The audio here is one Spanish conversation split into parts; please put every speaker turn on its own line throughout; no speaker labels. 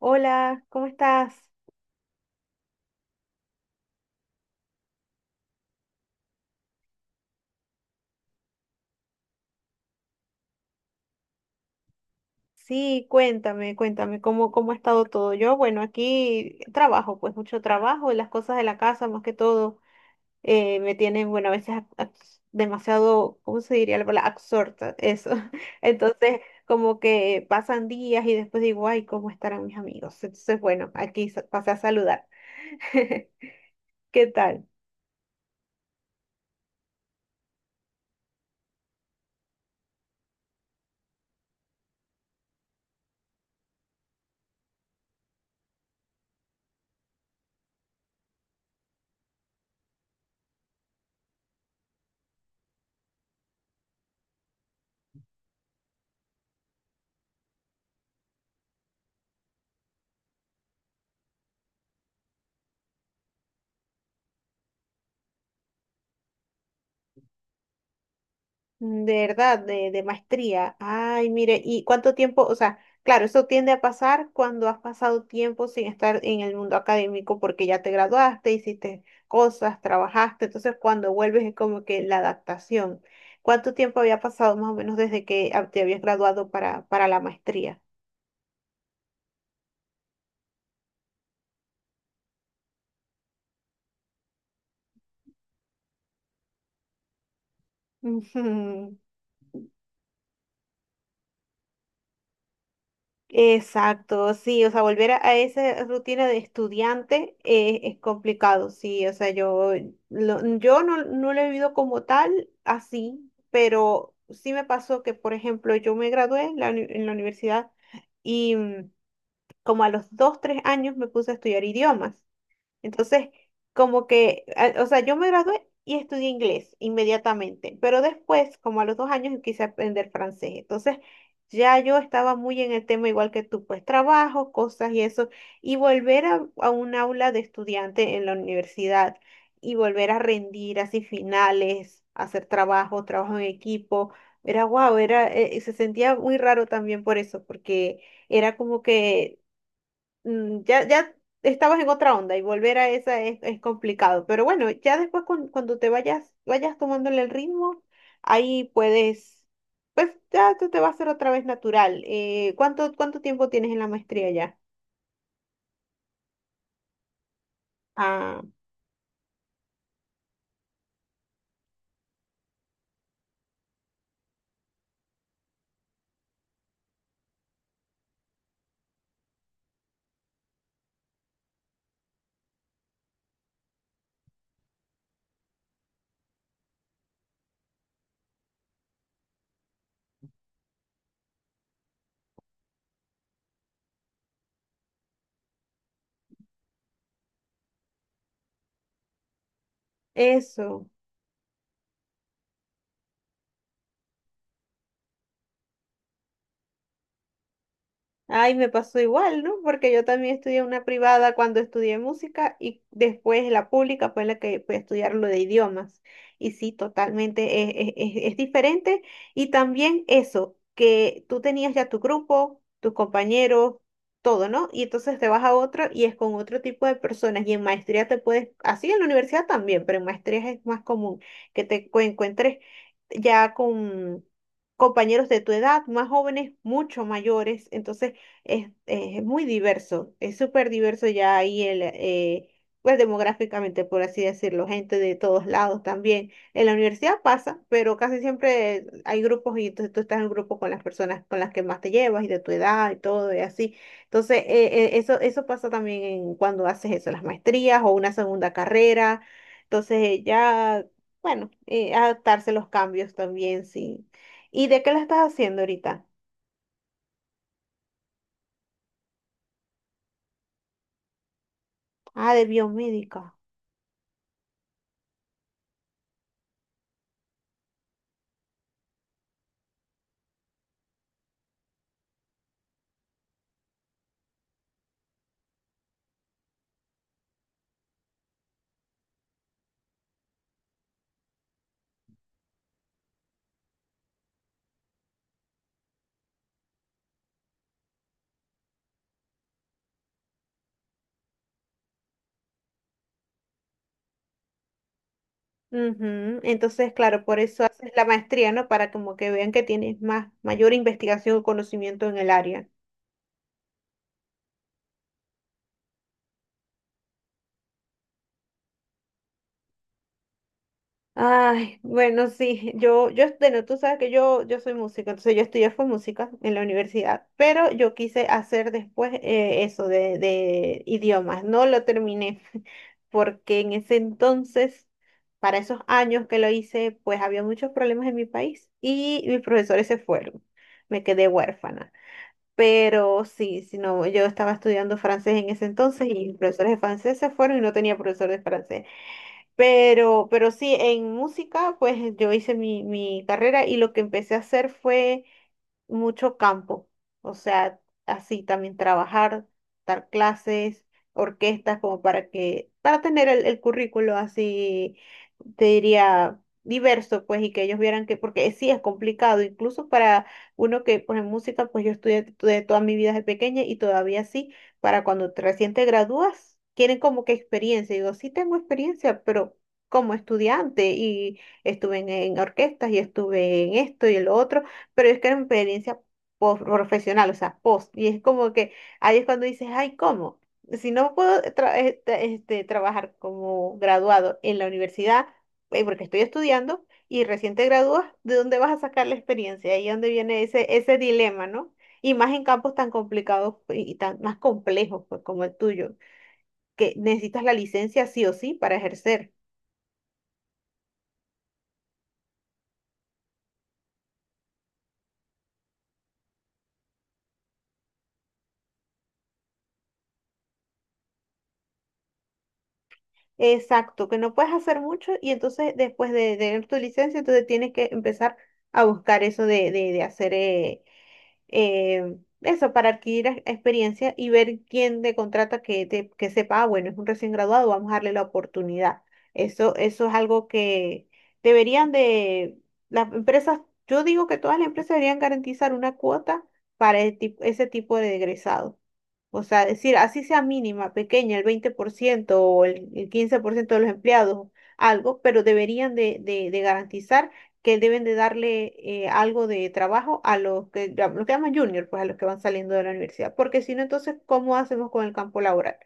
Hola, ¿cómo estás? Sí, cuéntame, cuéntame, ¿cómo ha estado todo? Yo, bueno, aquí trabajo, pues mucho trabajo, y las cosas de la casa más que todo me tienen, bueno, a veces demasiado, ¿cómo se diría la palabra? Absorta, eso. Entonces, como que pasan días y después digo, ay, ¿cómo estarán mis amigos? Entonces, bueno, aquí pasé a saludar. ¿Qué tal? De verdad, de maestría. Ay, mire, ¿y cuánto tiempo? O sea, claro, eso tiende a pasar cuando has pasado tiempo sin estar en el mundo académico porque ya te graduaste, hiciste cosas, trabajaste. Entonces, cuando vuelves es como que la adaptación. ¿Cuánto tiempo había pasado más o menos desde que te habías graduado para la maestría? Ujú. Exacto, sí, o sea, volver a esa rutina de estudiante es complicado, sí, o sea, yo no, no lo he vivido como tal, así, pero sí me pasó que, por ejemplo, yo me gradué en la universidad y como a los 2, 3 años me puse a estudiar idiomas. Entonces, como que, o sea, yo me gradué y estudié inglés inmediatamente, pero después, como a los 2 años, quise aprender francés. Entonces, ya yo estaba muy en el tema igual que tú, pues trabajo, cosas y eso, y volver a un aula de estudiante en la universidad y volver a rendir así finales, hacer trabajo, trabajo en equipo. Era guau, se sentía muy raro también por eso, porque era como que ya, ya estabas en otra onda y volver a esa es complicado. Pero bueno, ya después cuando te vayas tomándole el ritmo, ahí puedes, pues ya te va a ser otra vez natural. ¿Cuánto tiempo tienes en la maestría ya? Ah, eso. Ay, me pasó igual, ¿no? Porque yo también estudié una privada cuando estudié música y después la pública fue la que fue a estudiar lo de idiomas. Y sí, totalmente es diferente. Y también eso, que tú tenías ya tu grupo, tus compañeros, todo, ¿no? Y entonces te vas a otro y es con otro tipo de personas. Y en maestría te puedes, así en la universidad también, pero en maestría es más común que te encuentres ya con compañeros de tu edad, más jóvenes, mucho mayores. Entonces, es muy diverso, es súper diverso ya ahí pues demográficamente, por así decirlo, gente de todos lados también. En la universidad pasa, pero casi siempre hay grupos y entonces tú estás en grupo con las personas con las que más te llevas y de tu edad y todo y así. Entonces, eso pasa también en cuando haces eso, las maestrías o una segunda carrera. Entonces, ya, bueno, adaptarse a los cambios también, sí. ¿Y de qué la estás haciendo ahorita? Ah, de biomédica. Ujú. Entonces, claro, por eso haces la maestría, ¿no? Para como que vean que tienes más, mayor investigación o conocimiento en el área. Ay, bueno, sí, yo, bueno, tú sabes que yo soy música, entonces yo estudié fue música en la universidad, pero yo quise hacer después eso de idiomas, no lo terminé, porque en ese entonces, para esos años que lo hice, pues había muchos problemas en mi país y mis profesores se fueron, me quedé huérfana. Pero sí, si no, yo estaba estudiando francés en ese entonces y mis profesores de francés se fueron y no tenía profesor de francés. Pero sí, en música, pues yo hice mi carrera y lo que empecé a hacer fue mucho campo. O sea, así también trabajar, dar clases, orquestas, como para que, para tener el currículo así, te diría, diverso, pues, y que ellos vieran que, porque sí es complicado, incluso para uno que, pues, en música, pues yo estudié toda mi vida desde pequeña y todavía sí para cuando recién te gradúas, quieren como que experiencia. Y digo, sí tengo experiencia, pero como estudiante y estuve en orquestas y estuve en esto y el otro, pero es que era una experiencia profesional, o sea, post. Y es como que ahí es cuando dices, ay, ¿cómo? Si no puedo trabajar como graduado en la universidad, porque estoy estudiando y recién te gradúas, ¿de dónde vas a sacar la experiencia? Ahí es donde viene ese dilema, ¿no? Y más en campos tan complicados pues, y tan más complejos pues, como el tuyo, que necesitas la licencia sí o sí para ejercer. Exacto, que no puedes hacer mucho y entonces después de tener tu licencia, entonces tienes que empezar a buscar eso de hacer eh, eso, para adquirir experiencia y ver quién te contrata que sepa, ah, bueno, es un recién graduado, vamos a darle la oportunidad. Eso es algo que deberían de, las empresas, yo digo que todas las empresas deberían garantizar una cuota para el ese tipo de egresado. O sea, decir, así sea mínima, pequeña, el 20% o el 15% de los empleados, algo, pero deberían de, de garantizar que deben de darle algo de trabajo a los que, llaman junior, pues a los que van saliendo de la universidad, porque si no, entonces, ¿cómo hacemos con el campo laboral?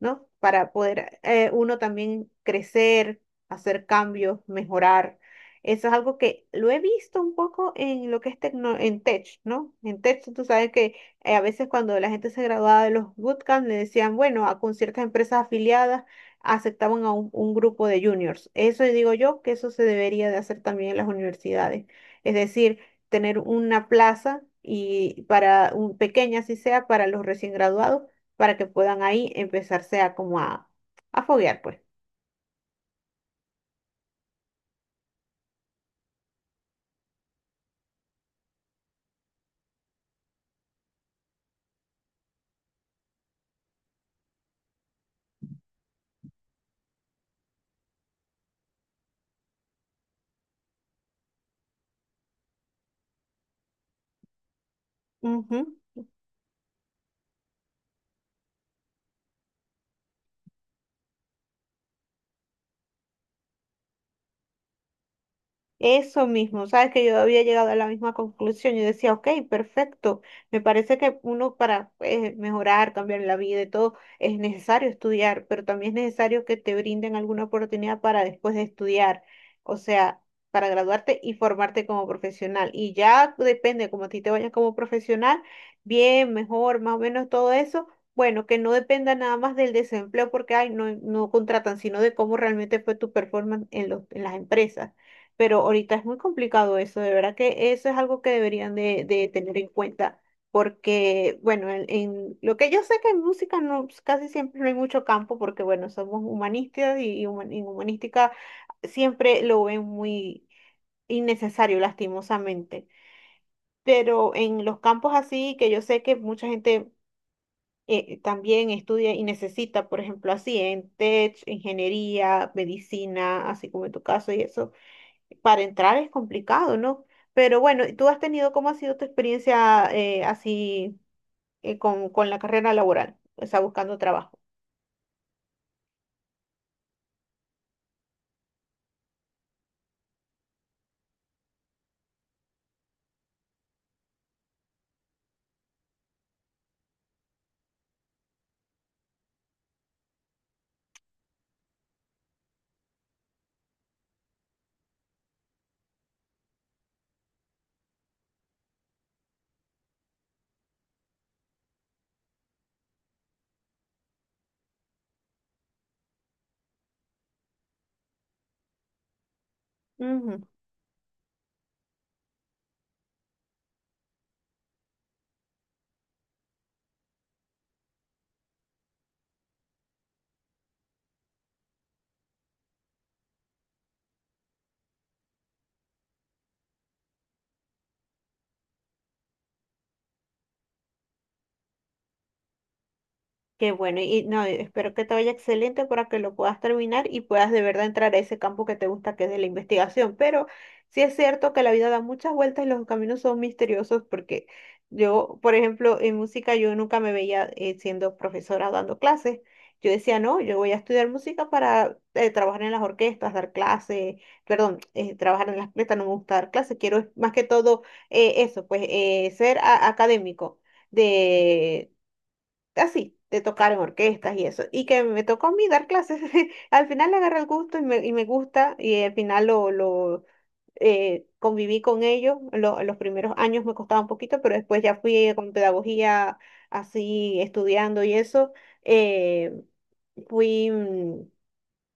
¿No? Para poder uno también crecer, hacer cambios, mejorar. Eso es algo que lo he visto un poco en lo que es en tech, ¿no? En tech, tú sabes que a veces cuando la gente se graduaba de los bootcamp, le decían, bueno, con ciertas empresas afiliadas aceptaban a un grupo de juniors. Eso digo yo que eso se debería de hacer también en las universidades. Es decir, tener una plaza y para un pequeña así sea para los recién graduados, para que puedan ahí empezarse a como a foguear, pues. Ujú. Eso mismo, sabes que yo había llegado a la misma conclusión. Yo decía, ok, perfecto. Me parece que uno para mejorar, cambiar la vida y todo, es necesario estudiar, pero también es necesario que te brinden alguna oportunidad para después de estudiar, o sea, para graduarte y formarte como profesional. Y ya depende, como a ti te vayas como profesional, bien, mejor, más o menos todo eso. Bueno, que no dependa nada más del desempleo, porque ay, no, no contratan, sino de cómo realmente fue tu performance en los, en las empresas pero ahorita es muy complicado eso, de verdad que eso es algo que deberían de, tener en cuenta, porque, bueno, en lo que yo sé que en música no, pues, casi siempre no hay mucho campo, porque, bueno, somos humanistas y en humanística siempre lo ven muy innecesario, lastimosamente, pero en los campos así, que yo sé que mucha gente... también estudia y necesita, por ejemplo, así en tech, ingeniería, medicina, así como en tu caso y eso, para entrar es complicado, ¿no? Pero bueno, ¿tú has tenido, cómo ha sido tu experiencia así con la carrera laboral? O sea, buscando trabajo. Ujú. Qué bueno, y no, espero que te vaya excelente para que lo puedas terminar y puedas de verdad entrar a ese campo que te gusta, que es de la investigación. Pero sí es cierto que la vida da muchas vueltas y los caminos son misteriosos porque yo, por ejemplo, en música yo nunca me veía siendo profesora o dando clases. Yo decía, no, yo voy a estudiar música para trabajar en las orquestas, dar clases, perdón, trabajar en las orquestas, no me gusta dar clases, quiero más que todo eso, pues ser académico de, así, de tocar en orquestas y eso. Y que me tocó a mí dar clases. Al final le agarré el gusto y me, gusta y al final lo conviví con ellos. Los primeros años me costaba un poquito, pero después ya fui con pedagogía así estudiando y eso. eh, fui... mm,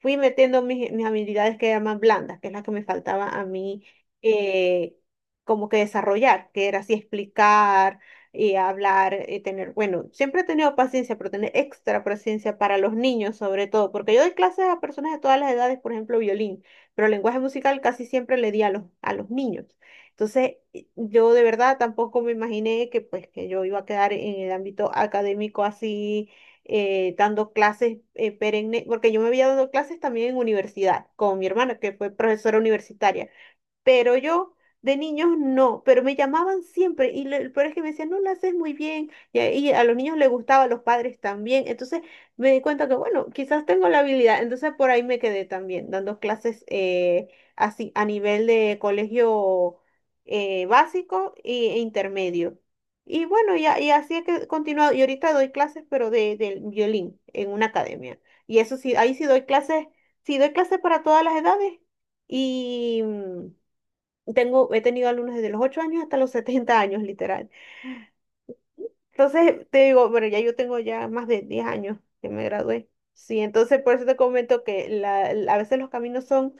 fui metiendo mis habilidades que llaman blandas, que es la que me faltaba a mí eh, como que desarrollar, que era así explicar, hablar, tener, bueno, siempre he tenido paciencia, pero tener extra paciencia para los niños sobre todo, porque yo doy clases a personas de todas las edades, por ejemplo, violín, pero lenguaje musical casi siempre le di a los niños. Entonces, yo de verdad tampoco me imaginé que pues que yo iba a quedar en el ámbito académico así dando clases perenne, porque yo me había dado clases también en universidad con mi hermana, que fue profesora universitaria pero yo de niños no, pero me llamaban siempre y el peor es que me decían, no lo haces muy bien y a los niños les gustaba, a los padres también, entonces me di cuenta que bueno, quizás tengo la habilidad, entonces por ahí me quedé también dando clases así a nivel de colegio básico e intermedio. Y bueno, y así es que he continuado, y ahorita doy clases pero del violín en una academia. Y eso sí, ahí sí doy clases para todas las edades. Y, he tenido alumnos desde los 8 años hasta los 70 años, literal. Entonces, te digo, bueno, ya yo tengo ya más de 10 años que me gradué. Sí, entonces por eso te comento que a veces los caminos son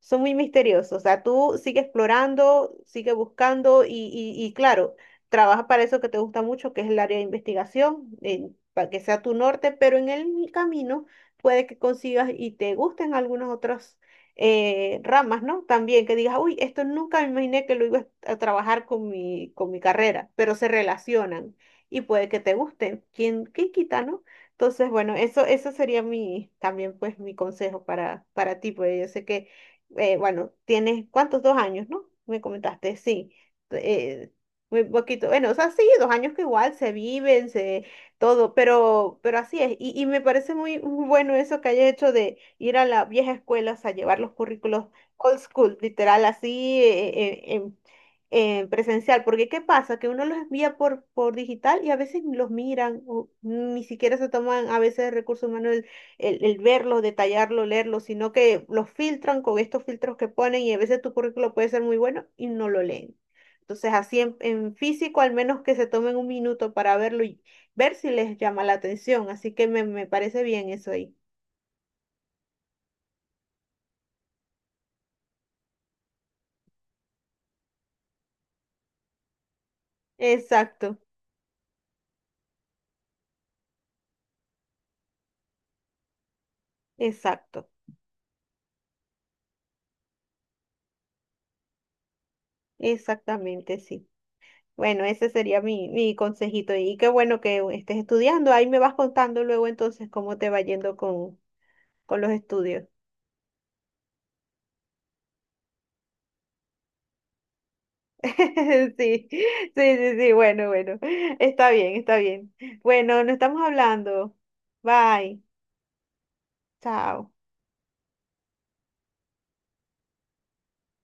son muy misteriosos. O sea, tú sigue explorando, sigue buscando y claro, trabaja para eso que te gusta mucho, que es el área de investigación, para que sea tu norte, pero en el camino puede que consigas y te gusten algunas otras ramas, ¿no? También que digas, uy, esto nunca me imaginé que lo iba a trabajar con mi carrera, pero se relacionan y puede que te gusten. ¿Quién quita, no? Entonces, bueno, eso sería mi, también pues mi consejo para ti, porque yo sé que bueno, tienes, ¿cuántos? 2 años, ¿no? Me comentaste, sí. Eh, muy poquito. Bueno, o sea, sí, 2 años que igual se viven, se, todo, pero así es. Y me parece muy bueno eso que hayas hecho de ir a la vieja escuela, o sea, llevar los currículos old school, literal, así, en presencial, porque ¿qué pasa? Que uno los envía por digital y a veces ni los miran, o ni siquiera se toman a veces recursos humanos el verlo, detallarlo, leerlo, sino que los filtran con estos filtros que ponen y a veces tu currículo puede ser muy bueno y no lo leen. Entonces, así en físico, al menos que se tomen un minuto para verlo y ver si les llama la atención. Así que me parece bien eso ahí. Exacto, exacto, exactamente, sí. Bueno, ese sería mi, consejito. Y qué bueno que estés estudiando. Ahí me vas contando luego entonces cómo te va yendo con los estudios. Sí, sí, sí, sí, bueno, bueno. Está bien, está bien. Bueno, nos estamos hablando. Bye, chao.